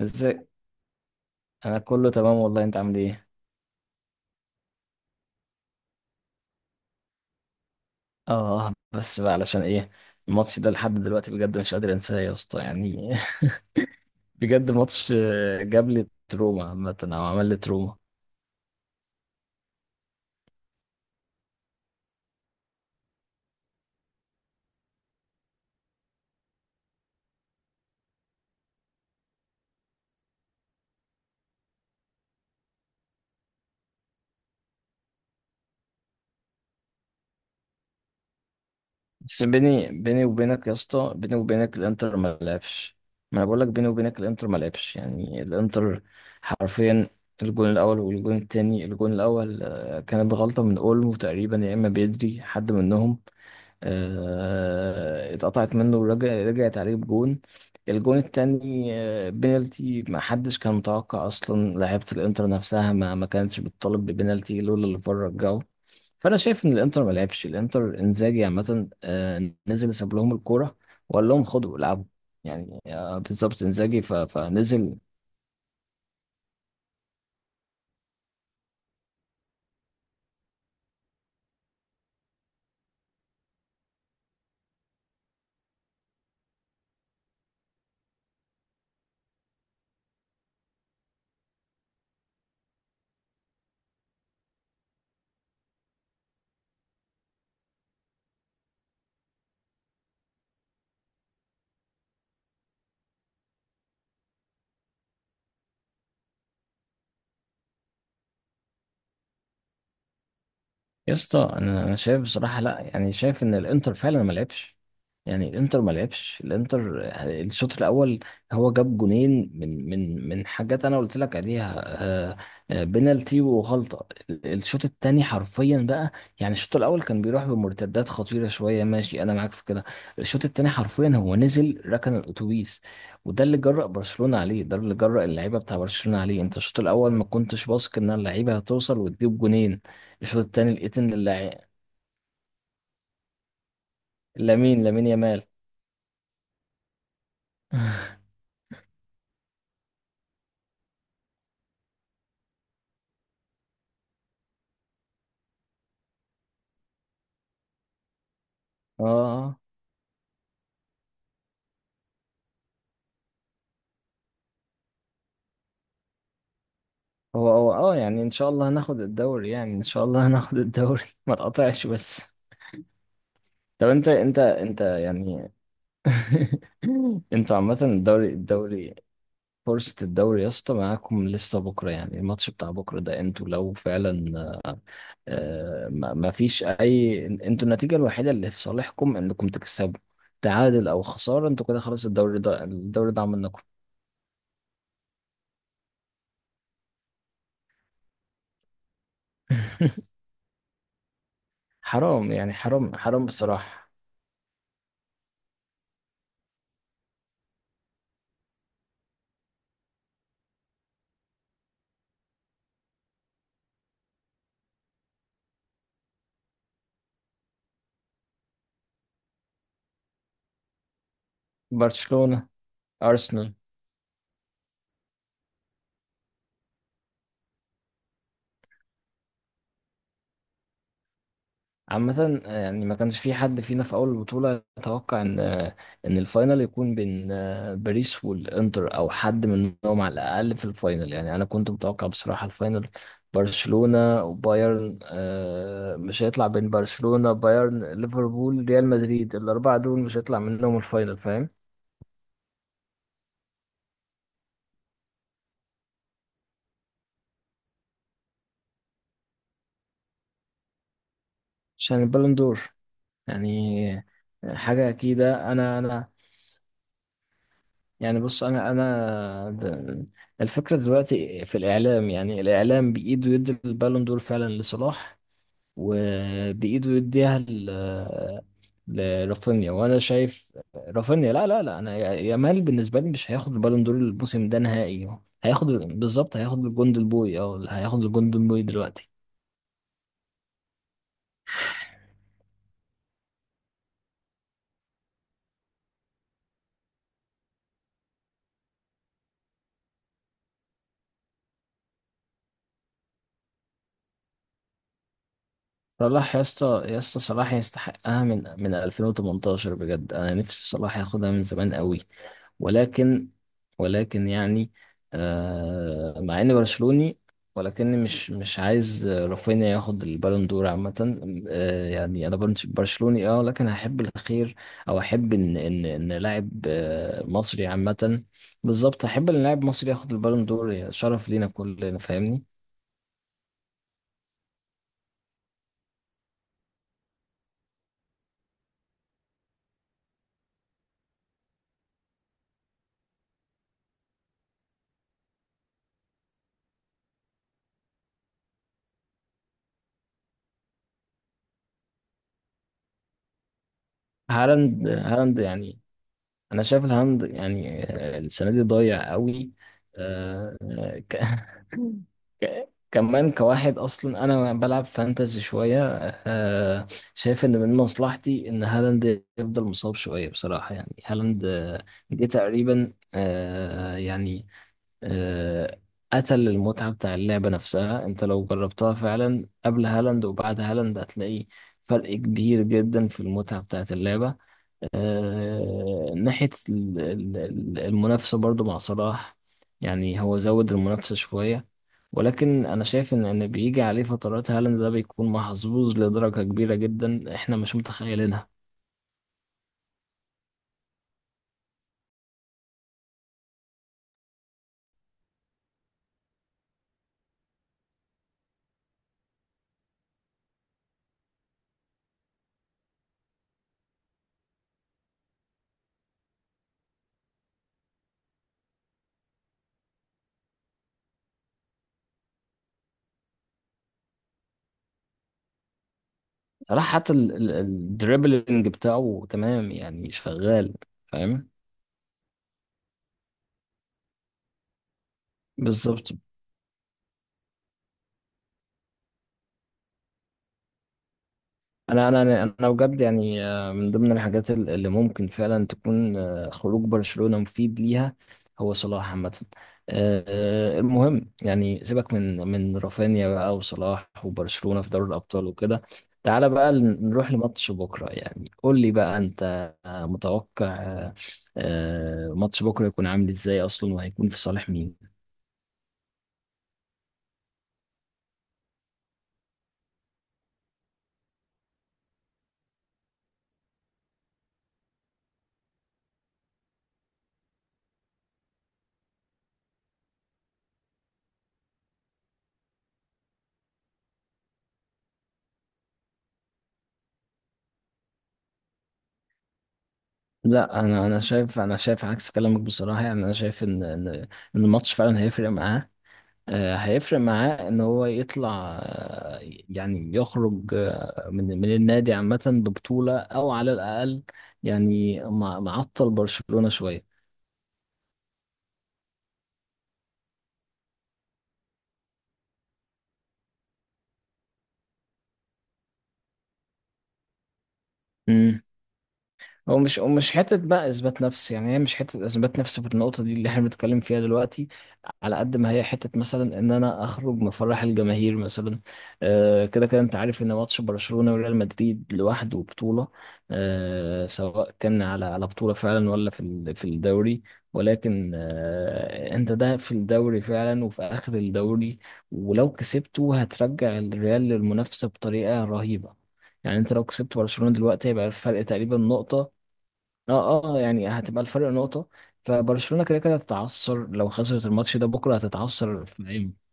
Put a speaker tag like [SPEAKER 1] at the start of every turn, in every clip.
[SPEAKER 1] ازاي؟ انا كله تمام والله، انت عامل ايه؟ اه، بس بقى علشان ايه؟ الماتش ده لحد دلوقتي بجد مش قادر انساه يا اسطى يعني. بجد ماتش جاب لي تروما عامه، او عمل لي تروما. بس بيني وبينك يا اسطى، بيني وبينك الانتر ما لعبش. ما انا بقول لك بيني وبينك الانتر ما لعبش، يعني الانتر حرفيا. الجون الاول والجون التاني، الجون الاول كانت غلطه من اولمو تقريبا، يا اما بيدري حد منهم. اتقطعت منه رجعت عليه بجون. الجون التاني بينالتي ما حدش كان متوقع اصلا، لعيبه الانتر نفسها ما كانتش بتطالب ببينالتي لولا اللي بره رجعه. فانا شايف ان الانتر ما لعبش، الانتر انزاجي عامه نزل ساب لهم الكوره، وقال لهم خدوا العبوا. يعني بالظبط انزاجي فنزل. يا اسطى انا شايف بصراحه، لا يعني شايف ان الانتر فعلا ما لعبش، يعني الانتر ما لعبش، الانتر الشوط الاول هو جاب جونين من حاجات انا قلت لك عليها. آه، بنالتي وغلطه، الشوط الثاني حرفيا بقى. يعني الشوط الاول كان بيروح بمرتدات خطيره شويه، ماشي انا معاك في كده. الشوط الثاني حرفيا هو نزل ركن الاتوبيس، وده اللي جرأ برشلونه عليه، ده اللي جرأ اللعيبه بتاع برشلونه عليه. انت الشوط الاول ما كنتش واثق ان اللعيبه هتوصل وتجيب جونين، الشوط التاني لقيت ان لامين، لامين يامال. اه، آه. هو اه، يعني ان شاء الله هناخد الدوري، يعني ان شاء الله هناخد الدوري. ما تقطعش بس. طب انت يعني. انتوا عامة الدوري، فرصة الدوري يا اسطى معاكم لسه بكرة، يعني الماتش بتاع بكرة ده انتوا لو فعلا، آه، ما فيش اي، انتوا النتيجة الوحيدة اللي في صالحكم انكم تكسبوا، تعادل او خسارة انتوا كده خلاص. الدوري ده عمل لكم. حرام يعني، حرام حرام بصراحة. برشلونة، أرسنال. عامة يعني ما كانش في حد فينا في أول البطولة يتوقع إن الفاينل يكون بين باريس والإنتر، أو حد منهم على الأقل في الفاينل، يعني أنا كنت متوقع بصراحة الفاينل برشلونة وبايرن، مش هيطلع بين برشلونة بايرن ليفربول ريال مدريد، الأربعة دول مش هيطلع منهم الفاينل، فاهم. عشان البالون دور، يعني حاجة أكيدة. أنا يعني، بص انا الفكره دلوقتي في الاعلام، يعني الاعلام بايده يدي البالون دور فعلا لصلاح، وبايده يديها لرافينيا. وانا شايف رافينيا، لا لا لا، انا يامال بالنسبه لي مش هياخد البالون دور الموسم ده نهائي، هياخد بالظبط، هياخد الجندل بوي، او هياخد الجندل بوي دلوقتي. صلاح يا اسطى يا اسطى، صلاح يستحقها من 2018، بجد انا نفسي صلاح ياخدها من زمان قوي، ولكن، يعني مع اني برشلوني، ولكني مش عايز رافينيا ياخد البالون دور عامة. آه، يعني انا برشلوني اه، لكن هحب الخير، او احب ان لاعب مصري عامة، بالظبط، احب ان لاعب مصري ياخد البالون دور، شرف لينا كلنا، فاهمني. هالاند، هالاند يعني، انا شايف الهاند يعني السنه دي ضايع قوي. آه، آه، ك... كمان كواحد اصلا انا بلعب فانتزي شويه، آه، شايف ان من مصلحتي ان هالاند يفضل مصاب شويه بصراحه. يعني هالاند جه تقريبا، آه، قتل المتعة بتاع اللعبة نفسها. انت لو جربتها فعلا قبل هالاند وبعد هالاند هتلاقي فرق كبير جدا في المتعة بتاعت اللعبة. ناحية المنافسة برضو مع صلاح، يعني هو زود المنافسة شوية، ولكن أنا شايف إن بيجي عليه فترات، هالاند ده بيكون محظوظ لدرجة كبيرة جدا، إحنا مش متخيلينها. صلاح حتى الدريبلينج بتاعه تمام، يعني شغال. فاهم. بالظبط. انا انا انا أنا بجد يعني من ضمن الحاجات اللي ممكن فعلا تكون خروج برشلونة مفيد ليها، هو صلاح عامة. آه، المهم يعني سيبك من رافينيا بقى، وصلاح وبرشلونة في دوري الابطال وكده. تعالى بقى نروح لماتش بكرة، يعني قول لي بقى انت متوقع ماتش بكرة يكون عامل ازاي اصلا، وهيكون في صالح مين. لا انا شايف، عكس كلامك بصراحة، يعني انا شايف ان إن الماتش فعلا هيفرق معاه، هيفرق معاه ان هو يطلع، آه، يعني يخرج من النادي عامة ببطولة او على الاقل، يعني معطل برشلونة شوية. هو مش حتة بقى إثبات نفس، يعني هي مش حتة إثبات نفس في النقطة دي اللي احنا بنتكلم فيها دلوقتي، على قد ما هي حتة مثلا إن أنا أخرج من فرح الجماهير مثلا. كده كده أنت عارف إن ماتش برشلونة وريال مدريد لوحده بطولة، سواء كان على بطولة فعلا، ولا في في الدوري، ولكن أنت ده في الدوري فعلا، وفي آخر الدوري، ولو كسبته هترجع الريال للمنافسة بطريقة رهيبة. يعني انت لو كسبت برشلونة دلوقتي هيبقى الفرق تقريبا نقطة، اه اه، يعني هتبقى الفرق نقطة، فبرشلونة كده كده هتتعثر، لو خسرت الماتش ده بكرة هتتعثر في العين.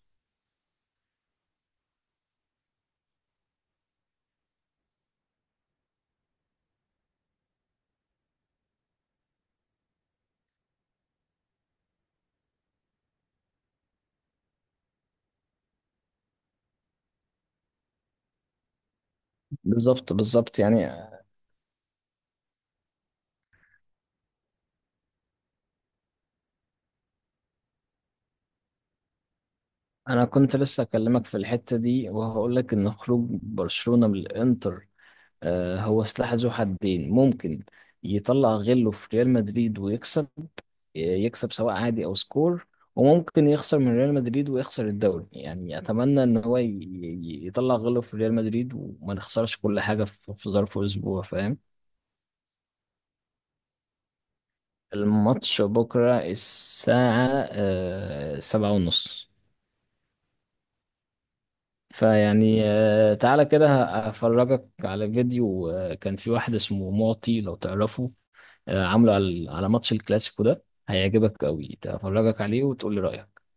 [SPEAKER 1] بالظبط بالظبط، يعني انا كنت لسه اكلمك في الحتة دي، وهقول لك ان خروج برشلونة من الانتر هو سلاح ذو حدين، ممكن يطلع غله في ريال مدريد ويكسب، يكسب سواء عادي او سكور، وممكن يخسر من ريال مدريد ويخسر الدوري. يعني اتمنى ان هو يطلع غله في ريال مدريد، وما نخسرش كل حاجة في ظرف اسبوع، فاهم. الماتش بكرة الساعة 7:30. فيعني تعالى كده هفرجك على فيديو، كان في واحد اسمه معطي لو تعرفه، عامله على ماتش الكلاسيكو ده، هيعجبك قوي، هفرجك عليه وتقول لي رأيك.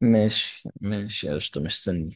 [SPEAKER 1] ماشي ماشي، قشطة، مستني.